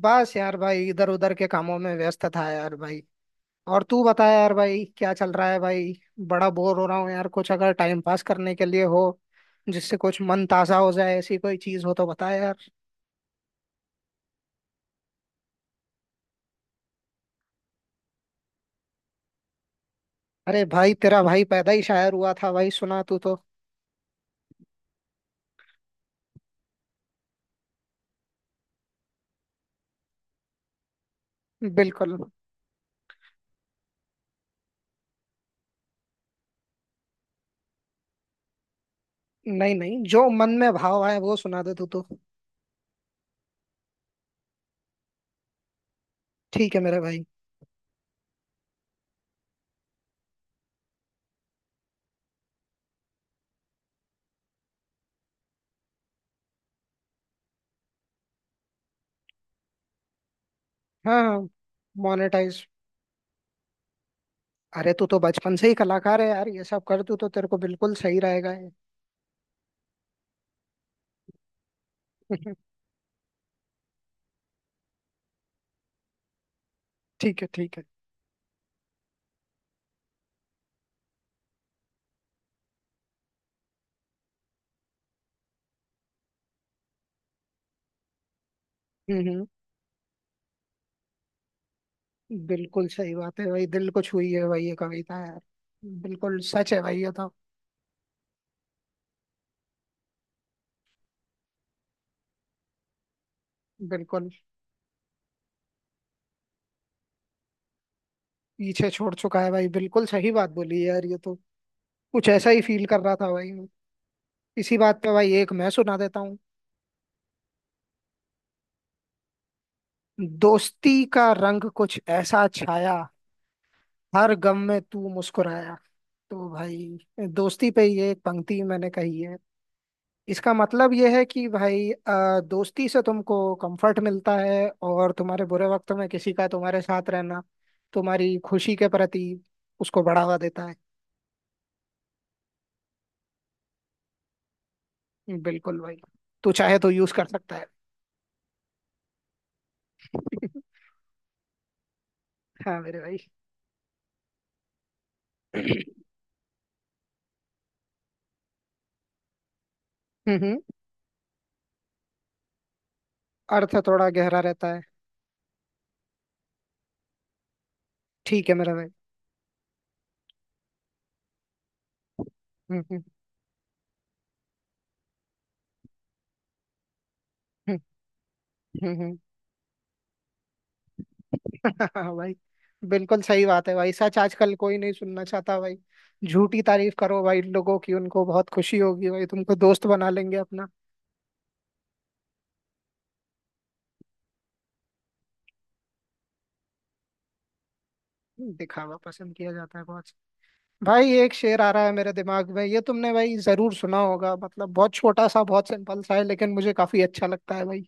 बस यार भाई इधर उधर के कामों में व्यस्त था यार भाई। और तू बता यार भाई क्या चल रहा है भाई। बड़ा बोर हो रहा हूँ यार कुछ अगर टाइम पास करने के लिए हो जिससे कुछ मन ताजा हो जाए ऐसी कोई चीज हो तो बता यार। अरे भाई तेरा भाई पैदा ही शायर हुआ था भाई सुना तू तो। बिल्कुल। नहीं नहीं, जो मन में भाव आए वो सुना दे तू तो। ठीक है मेरे भाई। हाँ हाँ। मोनेटाइज। अरे तू तो बचपन से ही कलाकार है यार, ये सब कर तू तो, तेरे को बिल्कुल सही रहेगा ये। ठीक है ठीक है। हम्म। बिल्कुल सही बात है भाई, दिल को छुई है भाई ये कविता यार। बिल्कुल सच है भाई ये तो। बिल्कुल। पीछे छोड़ चुका है भाई, बिल्कुल सही बात बोली है यार ये तो। कुछ ऐसा ही फील कर रहा था भाई मैं। इसी बात पे भाई एक मैं सुना देता हूँ। दोस्ती का रंग कुछ ऐसा छाया, हर गम में तू मुस्कुराया। तो भाई दोस्ती पे ये एक पंक्ति मैंने कही है। इसका मतलब यह है कि भाई दोस्ती से तुमको कंफर्ट मिलता है और तुम्हारे बुरे वक्त में किसी का तुम्हारे साथ रहना तुम्हारी खुशी के प्रति उसको बढ़ावा देता है। बिल्कुल भाई। तू चाहे तो यूज कर सकता है। हाँ मेरे भाई। हम्म। अर्थ थोड़ा गहरा रहता है। ठीक है मेरा भाई। हम्म। हम्म हम्म। हाँ भाई। बिल्कुल सही बात है भाई, सच आजकल कोई नहीं सुनना चाहता भाई। झूठी तारीफ करो भाई लोगों की, उनको बहुत खुशी होगी भाई, तुमको दोस्त बना लेंगे। दिखावा पसंद किया जाता है बहुत। भाई एक शेर आ रहा है मेरे दिमाग में, ये तुमने भाई जरूर सुना होगा, मतलब बहुत छोटा सा बहुत सिंपल सा है लेकिन मुझे काफी अच्छा लगता है भाई।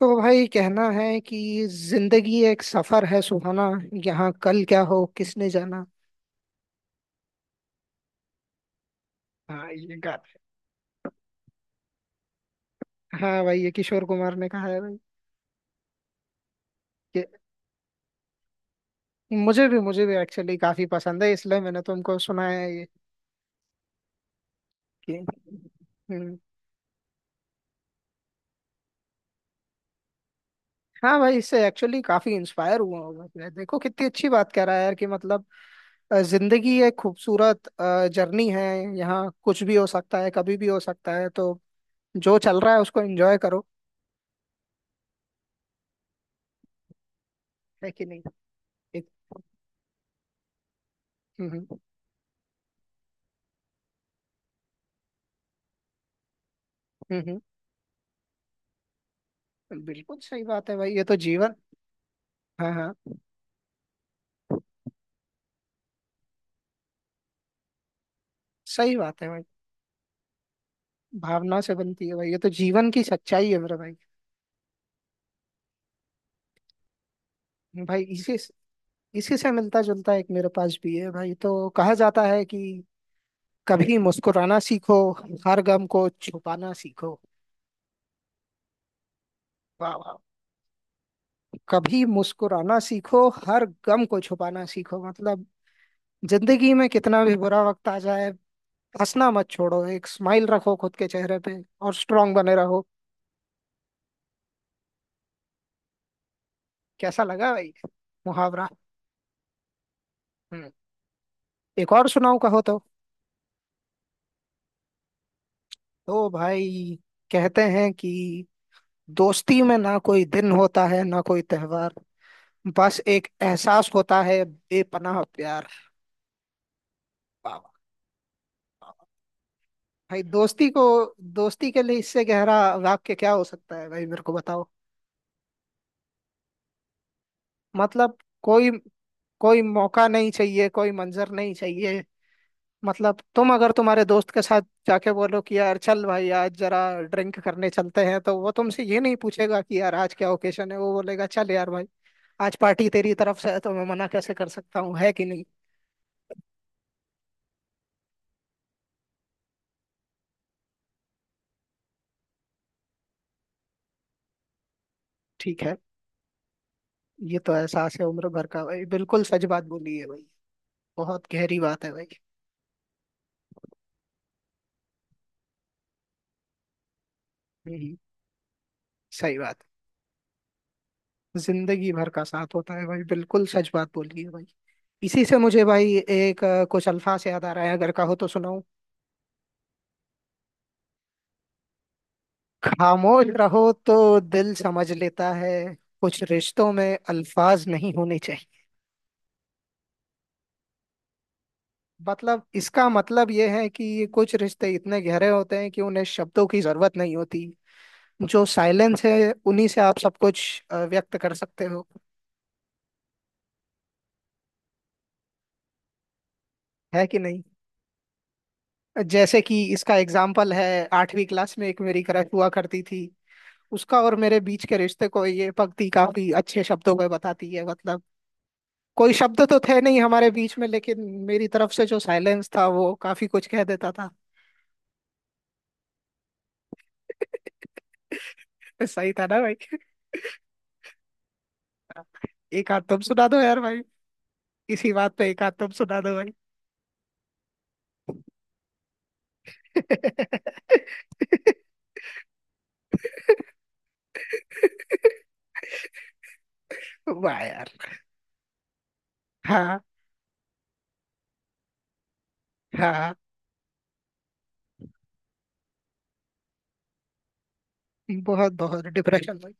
तो भाई कहना है कि जिंदगी एक सफर है सुहाना, यहाँ कल क्या हो किसने जाना। हाँ ये गा। हाँ भाई ये किशोर कुमार ने कहा है भाई। ये मुझे भी, मुझे भी एक्चुअली काफी पसंद है, इसलिए मैंने तुमको सुनाया है ये। कि- हम्म। हाँ भाई इससे एक्चुअली काफी इंस्पायर हुआ होगा मैं। देखो कितनी अच्छी बात कह रहा है यार कि मतलब जिंदगी एक खूबसूरत जर्नी है, यहाँ कुछ भी हो सकता है कभी भी हो सकता है, तो जो चल रहा है उसको एंजॉय करो। है कि नहीं। एक, हम्म। हम्म, बिल्कुल सही बात है भाई ये तो जीवन। हाँ हाँ। सही बात है भाई, भावना से बनती है भाई, ये तो जीवन की सच्चाई है मेरा भाई। भाई इसी इसी से मिलता जुलता एक मेरे पास भी है भाई, तो कहा जाता है कि कभी मुस्कुराना सीखो, हर गम को छुपाना सीखो। वाह वाह। कभी मुस्कुराना सीखो हर गम को छुपाना सीखो मतलब जिंदगी में कितना भी बुरा वक्त आ जाए हंसना मत छोड़ो, एक स्माइल रखो खुद के चेहरे पे और स्ट्रांग बने रहो। कैसा लगा भाई मुहावरा। हम्म। एक और सुनाऊं कहो तो। तो भाई कहते हैं कि दोस्ती में ना कोई दिन होता है ना कोई त्योहार, बस एक एहसास होता है बेपनाह प्यार। वाह, वाह, वाह। भाई दोस्ती को, दोस्ती के लिए इससे गहरा वाक्य क्या हो सकता है भाई मेरे को बताओ। मतलब कोई, कोई मौका नहीं चाहिए, कोई मंजर नहीं चाहिए। मतलब तुम अगर तुम्हारे दोस्त के साथ जाके बोलो कि यार चल भाई आज जरा ड्रिंक करने चलते हैं, तो वो तुमसे ये नहीं पूछेगा कि यार आज क्या ओकेशन है, वो बोलेगा चल यार भाई आज पार्टी तेरी तरफ से है तो मैं मना कैसे कर सकता हूँ। है कि नहीं। ठीक है, ये तो एहसास है उम्र भर का भाई, बिल्कुल सच बात बोली है भाई। बहुत गहरी बात है भाई। हम्म हम्म, सही बात है। जिंदगी भर का साथ होता है भाई, बिल्कुल सच बात बोली है भाई। इसी से मुझे भाई एक कुछ अल्फाज याद आ रहा है, अगर कहो तो सुनाऊं। खामोश रहो तो दिल समझ लेता है, कुछ रिश्तों में अल्फाज नहीं होने चाहिए। मतलब इसका मतलब ये है कि कुछ रिश्ते इतने गहरे होते हैं कि उन्हें शब्दों की जरूरत नहीं होती। जो साइलेंस है उन्हीं से आप सब कुछ व्यक्त कर सकते हो। है कि नहीं। जैसे कि इसका एग्जाम्पल है, आठवीं क्लास में एक मेरी क्रश हुआ करती थी। उसका और मेरे बीच के रिश्ते को ये पंक्ति काफी अच्छे शब्दों में बताती है, मतलब कोई शब्द तो थे नहीं हमारे बीच में लेकिन मेरी तरफ से जो साइलेंस था वो काफी कुछ कह देता था। सही था ना भाई। एक हाथ तुम सुना दो यार भाई। इसी बात पे एक हाथ तुम सुना दो भाई। वाह यार। हाँ हाँ। बहुत बहुत डिप्रेशन भाई।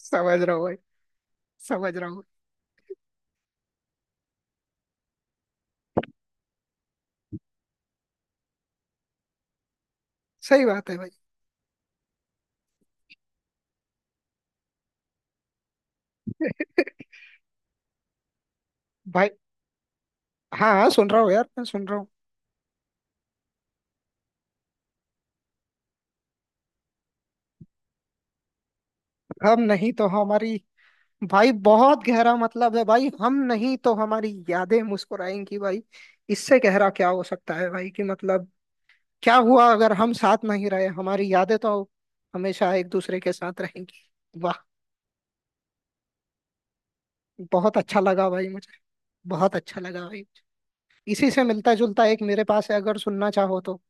समझ रहा हूँ भाई, समझ रहा हूँ। सही बात है भाई। भाई, हाँ हाँ, सुन रहा हूँ यार मैं, सुन रहा हूँ। हम नहीं तो हमारी। भाई बहुत गहरा मतलब है भाई, हम नहीं तो हमारी यादें मुस्कुराएंगी भाई। इससे गहरा क्या हो सकता है भाई कि मतलब क्या हुआ अगर हम साथ नहीं रहे, हमारी यादें तो हमेशा एक दूसरे के साथ रहेंगी। वाह। बहुत अच्छा लगा भाई मुझे। बहुत अच्छा लगा भाई। इसी से मिलता जुलता एक मेरे पास है, अगर सुनना चाहो तो।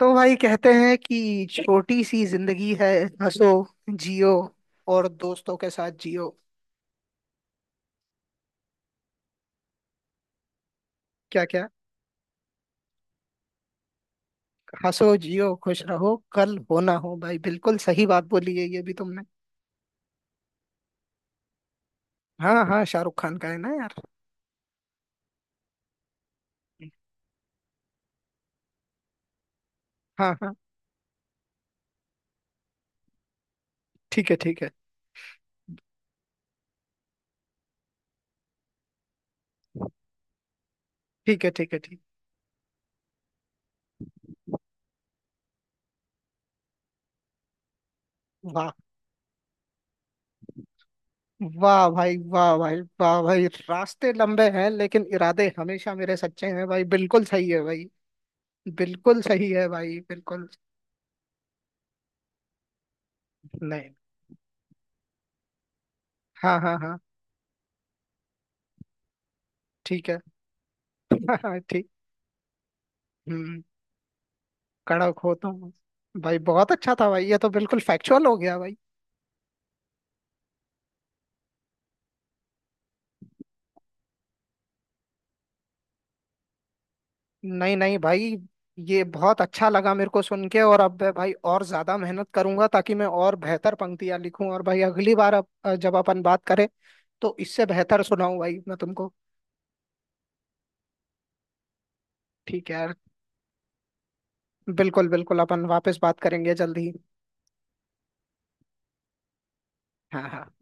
तो भाई कहते हैं कि छोटी सी जिंदगी है, हंसो, जियो, और दोस्तों के साथ जियो। क्या क्या। हंसो जियो खुश रहो कल हो ना हो, भाई बिल्कुल सही बात बोली है ये भी तुमने। हाँ हाँ, शाहरुख खान का है ना यार। हाँ हाँ। ठीक है ठीक है, ठीक है ठीक है ठीक। वाह वाह भाई, वाह भाई, वाह भाई, रास्ते लंबे हैं लेकिन इरादे हमेशा मेरे सच्चे हैं भाई, बिल्कुल सही है भाई। बिल्कुल सही है भाई, बिल्कुल। नहीं। हाँ हाँ हाँ। ठीक है। हाँ हाँ ठीक। हम्म। कड़क हो तुम। भाई बहुत अच्छा था भाई ये तो, बिल्कुल फैक्चुअल हो गया भाई। नहीं नहीं भाई, ये बहुत अच्छा लगा मेरे को सुन के, और अब मैं भाई और ज्यादा मेहनत करूंगा ताकि मैं और बेहतर पंक्तियां लिखूं, और भाई अगली बार अब जब अपन बात करें तो इससे बेहतर सुनाऊं भाई मैं तुमको। ठीक है यार। बिल्कुल बिल्कुल, अपन वापस बात करेंगे जल्दी ही। हाँ हाँ।